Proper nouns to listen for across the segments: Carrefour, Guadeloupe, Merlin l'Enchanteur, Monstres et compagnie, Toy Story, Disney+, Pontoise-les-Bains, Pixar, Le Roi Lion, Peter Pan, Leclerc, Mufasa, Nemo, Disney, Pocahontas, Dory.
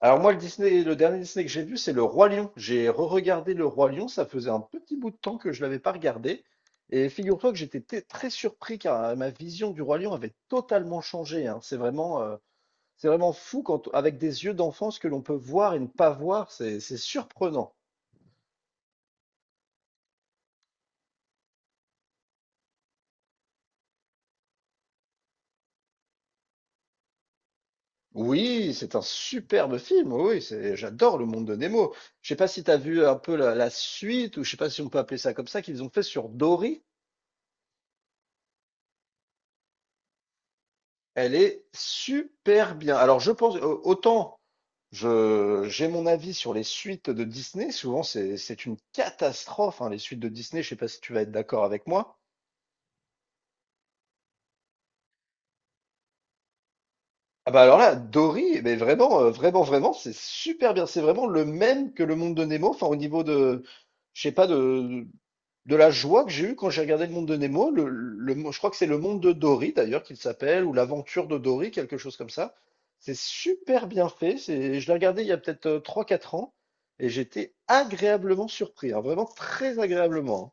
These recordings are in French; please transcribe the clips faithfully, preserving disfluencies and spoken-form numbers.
Alors moi, le Disney, le dernier Disney que j'ai vu, c'est Le Roi Lion. J'ai re-regardé Le Roi Lion, ça faisait un petit bout de temps que je l'avais pas regardé. Et figure-toi que j'étais t- très surpris car euh, ma vision du Roi Lion avait totalement changé, hein. C'est vraiment, euh, c'est vraiment fou quand, avec des yeux d'enfant, ce que l'on peut voir et ne pas voir, c'est, c'est surprenant. Oui, c'est un superbe film. Oui, c'est, j'adore le monde de Nemo. Je sais pas si tu as vu un peu la, la suite ou je sais pas si on peut appeler ça comme ça qu'ils ont fait sur Dory. Elle est super bien. Alors, je pense, au- autant je, j'ai mon avis sur les suites de Disney, souvent c'est, c'est une catastrophe, hein, les suites de Disney, je sais pas si tu vas être d'accord avec moi. Ah bah alors là, Dory, mais vraiment, euh, vraiment, vraiment, c'est super bien. C'est vraiment le même que le monde de Nemo. Enfin, au niveau de, je sais pas, de, de la joie que j'ai eue quand j'ai regardé le monde de Nemo. Le, le, mo- je crois que c'est le monde de Dory d'ailleurs qu'il s'appelle, ou l'aventure de Dory, quelque chose comme ça. C'est super bien fait. C'est, je l'ai regardé il y a peut-être euh, trois, quatre ans et j'étais agréablement surpris, hein, vraiment très agréablement, hein.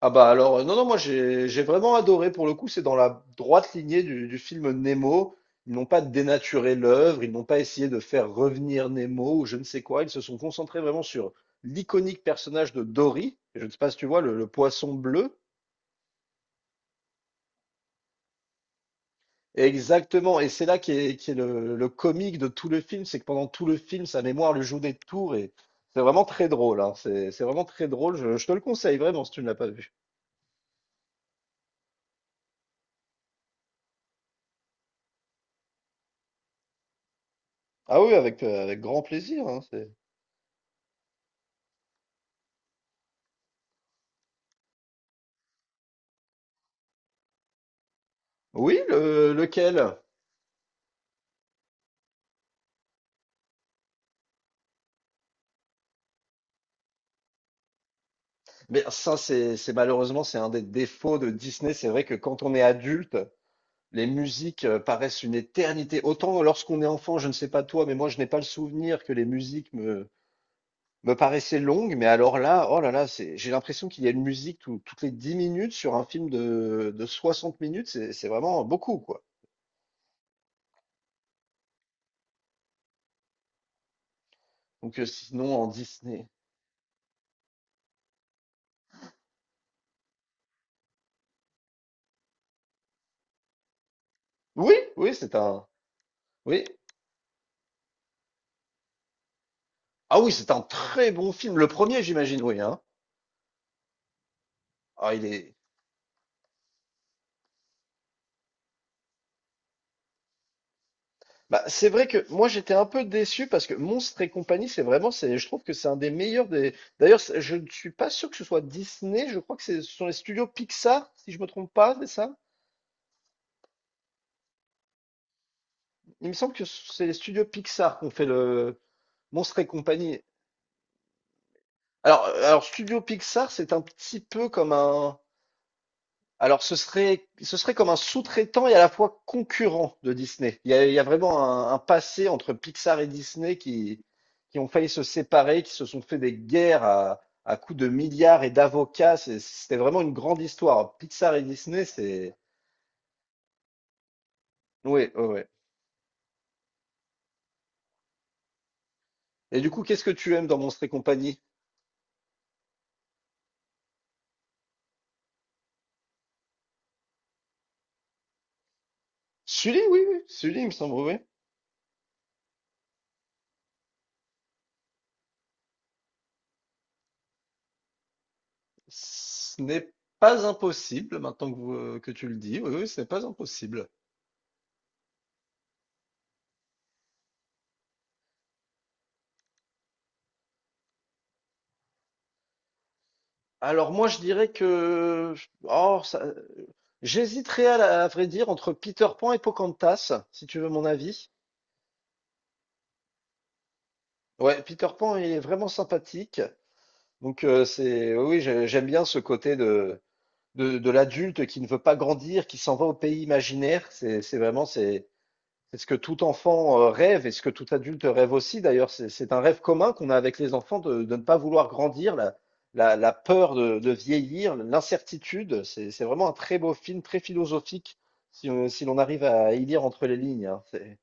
Ah bah alors, euh, non, non, moi j'ai j'ai vraiment adoré. Pour le coup, c'est dans la droite lignée du, du film Nemo. Ils n'ont pas dénaturé l'œuvre, ils n'ont pas essayé de faire revenir Nemo ou je ne sais quoi. Ils se sont concentrés vraiment sur l'iconique personnage de Dory. Je ne sais pas si tu vois, le, le poisson bleu. Exactement, et c'est là qui est, qui est le, le comique de tout le film, c'est que pendant tout le film, sa mémoire lui joue des tours et c'est vraiment très drôle, hein. C'est c'est vraiment très drôle. Je, je te le conseille vraiment si tu ne l'as pas vu. Ah oui, avec, euh, avec grand plaisir, hein, c'est- Oui, le- lequel? Mais ça, c'est c'est- malheureusement, c'est un des défauts de Disney. C'est vrai que quand on est adulte, les musiques euh, paraissent une éternité. Autant lorsqu'on est enfant, je ne sais pas toi, mais moi, je n'ai pas le souvenir que les musiques me, me paraissaient longues. Mais alors là, oh là là, c'est, j'ai l'impression qu'il y a une musique tout- toutes les dix minutes sur un film de, de soixante minutes. C'est c'est vraiment beaucoup, quoi. Donc euh, sinon, en Disney. Oui, oui, c'est un. Oui. Ah oui, c'est un très bon film. Le premier, j'imagine, oui, hein. Ah. il est, Bah, c'est vrai que moi j'étais un peu déçu parce que Monstres et compagnie, c'est vraiment, c'est, je trouve que c'est un des meilleurs des. D'ailleurs, c'est- je ne suis pas sûr que ce soit Disney, je crois que c'est- ce sont les studios Pixar, si je me trompe pas, c'est ça? Il me semble que c'est les studios Pixar qui ont fait le Monstres et compagnie. Alors, euh, alors Studio Pixar, c'est un petit peu comme un. Alors, ce serait, ce serait comme un sous-traitant et à la fois concurrent de Disney. Il y a, il y a vraiment un, un passé entre Pixar et Disney qui, qui ont failli se séparer, qui se sont fait des guerres à, à coups de milliards et d'avocats. C'est- C'était vraiment une grande histoire. Pixar et Disney, c'est... Oui, oui, oui. Et du coup, qu'est-ce que tu aimes dans Monstres et compagnie? Sully, oui, oui. Sully, il me semble, oui. Ce n'est pas impossible, maintenant que, vous- que tu le dis. Oui, oui, ce n'est pas impossible. Alors moi je dirais que, oh, ça- j'hésiterais à, la- à vrai dire entre Peter Pan et Pocahontas, si tu veux mon avis. Ouais, Peter Pan il est vraiment sympathique. Donc euh, c'est oui, oui, j'ai- j'aime bien ce côté de de, de l'adulte qui ne veut pas grandir, qui s'en va au pays imaginaire. C'est c'est vraiment c'est C'est ce que tout enfant euh, rêve et ce que tout adulte rêve aussi. D'ailleurs, c'est c'est un rêve commun qu'on a avec les enfants de, de ne pas vouloir grandir, la, la- la peur de, de vieillir, l'incertitude. C'est c'est vraiment un très beau film, très philosophique, si, on- si l'on arrive à y lire entre les lignes, hein. C'est-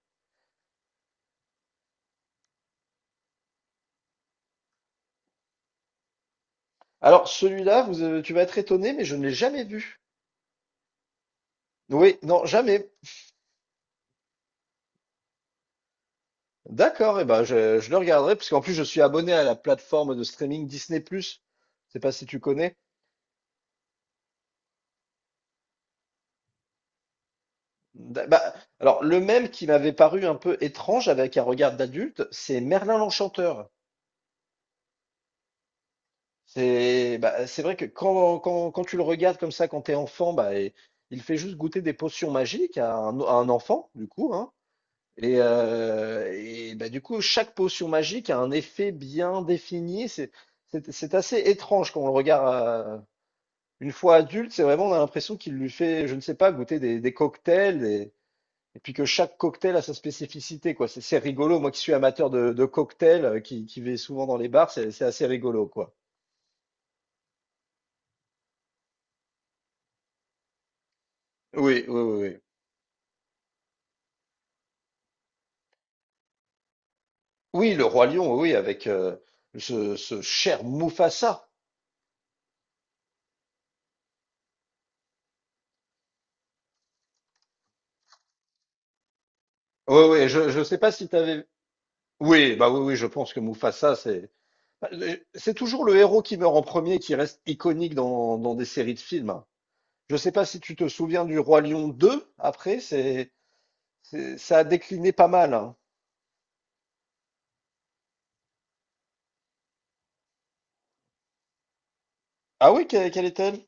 Alors, celui-là, vous, euh, tu vas être étonné, mais je ne l'ai jamais vu. Oui, non, jamais. D'accord, et ben je, je le regarderai, parce qu'en plus, je suis abonné à la plateforme de streaming Disney+, plus. Je sais pas si tu connais. Da- bah, alors, le même qui m'avait paru un peu étrange avec un regard d'adulte, c'est Merlin l'Enchanteur. C'est Bah, c'est vrai que quand, quand, quand tu le regardes comme ça, quand t'es enfant, bah, et- il fait juste goûter des potions magiques à un, à un enfant, du coup, hein. Et, euh, et, bah, du coup, chaque potion magique a un effet bien défini. C'est c'est- c'est assez étrange quand on le regarde euh, une fois adulte. C'est vraiment, on a l'impression qu'il lui fait, je ne sais pas, goûter des, des cocktails. Et puis que chaque cocktail a sa spécificité, quoi. C'est c'est rigolo. Moi qui suis amateur de, de cocktails, euh, qui, qui vais souvent dans les bars, c'est c'est assez rigolo, quoi. Oui, oui, oui, oui. Oui, le Roi Lion, oui, avec euh, ce, ce cher Mufasa. Oui, oui, je, ne sais pas si tu avais. Oui, bah oui, oui, je pense que Mufasa, c'est bah, le- c'est toujours le héros qui meurt en premier qui reste iconique dans, dans des séries de films. Je ne sais pas si tu te souviens du Roi Lion deux. Après, c'est, c'est- ça a décliné pas mal, hein. Ah oui, que- quelle était.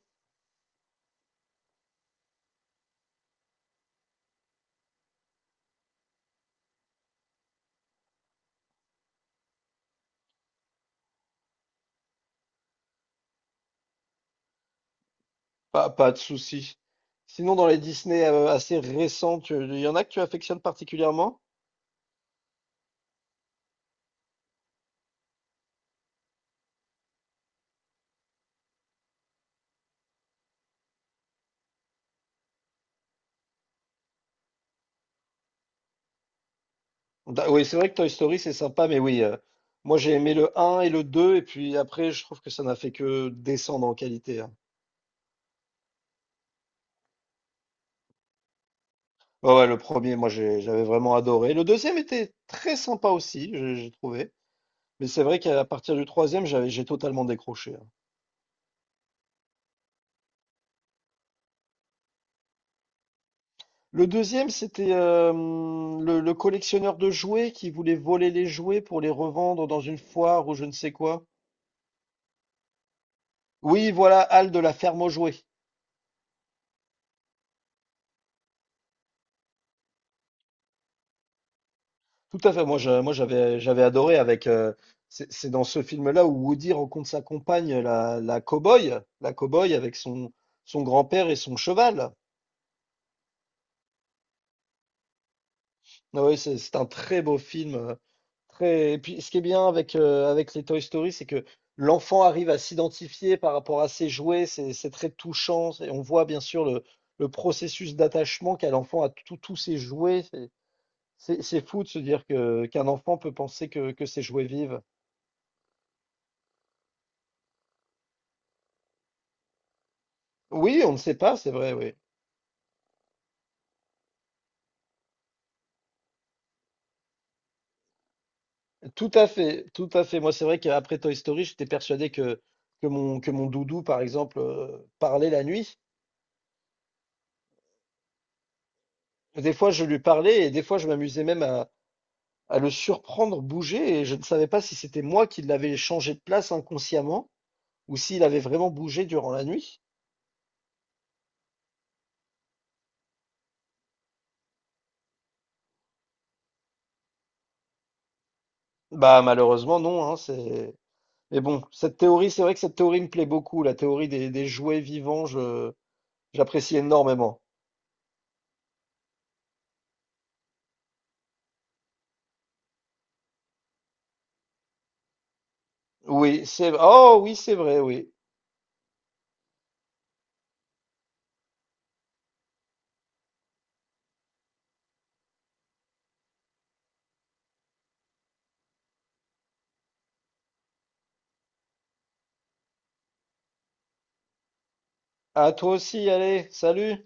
Pas, pas de souci. Sinon, dans les Disney euh, assez récents, tu- il y en a que tu affectionnes particulièrement? Da- oui, c'est vrai que Toy Story, c'est sympa, mais oui, euh, moi j'ai aimé le un et le deux et puis après, je trouve que ça n'a fait que descendre en qualité, hein. Ouais, ouais, le premier, moi j'ai- j'avais vraiment adoré. Le deuxième était très sympa aussi, j'ai j'ai trouvé. Mais c'est vrai qu'à partir du troisième, j'avais, j'ai totalement décroché, hein. Le deuxième, c'était euh, le le collectionneur de jouets qui voulait voler les jouets pour les revendre dans une foire ou je ne sais quoi. Oui, voilà, Hal de la ferme aux jouets. Tout à fait. Moi, je- moi, j'avais, j'avais adoré avec. euh, c'est c'est dans ce film-là où Woody rencontre sa compagne, la, la cow-boy, la cow-boy avec son, son grand-père et son cheval. Ah ouais, c'est c'est un très beau film. euh, Très... Et puis, ce qui est bien avec, euh, avec les Toy Story, c'est que l'enfant arrive à s'identifier par rapport à ses jouets. C'est c'est très touchant. Et on voit bien sûr le, le processus d'attachement qu'a l'enfant à tout- tous ses jouets. C'est c'est fou de se dire que qu'un enfant peut penser que, que ses jouets vivent. Oui, on ne sait pas, c'est vrai, oui. Tout à fait, tout à fait. Moi, c'est vrai qu'après Toy Story, j'étais persuadé que, que mon, que mon doudou, par exemple, euh, parlait la nuit. Des fois, je lui parlais et des fois, je m'amusais même à, à le surprendre bouger et je ne savais pas si c'était moi qui l'avais changé de place inconsciemment ou s'il avait vraiment bougé durant la nuit. Bah, malheureusement, non, hein, c'est... Mais bon, cette théorie, c'est vrai que cette théorie me plaît beaucoup, la théorie des, des jouets vivants, je... J'apprécie énormément. Oui, c'est... Oh oui, c'est vrai, oui. À toi aussi, allez, salut!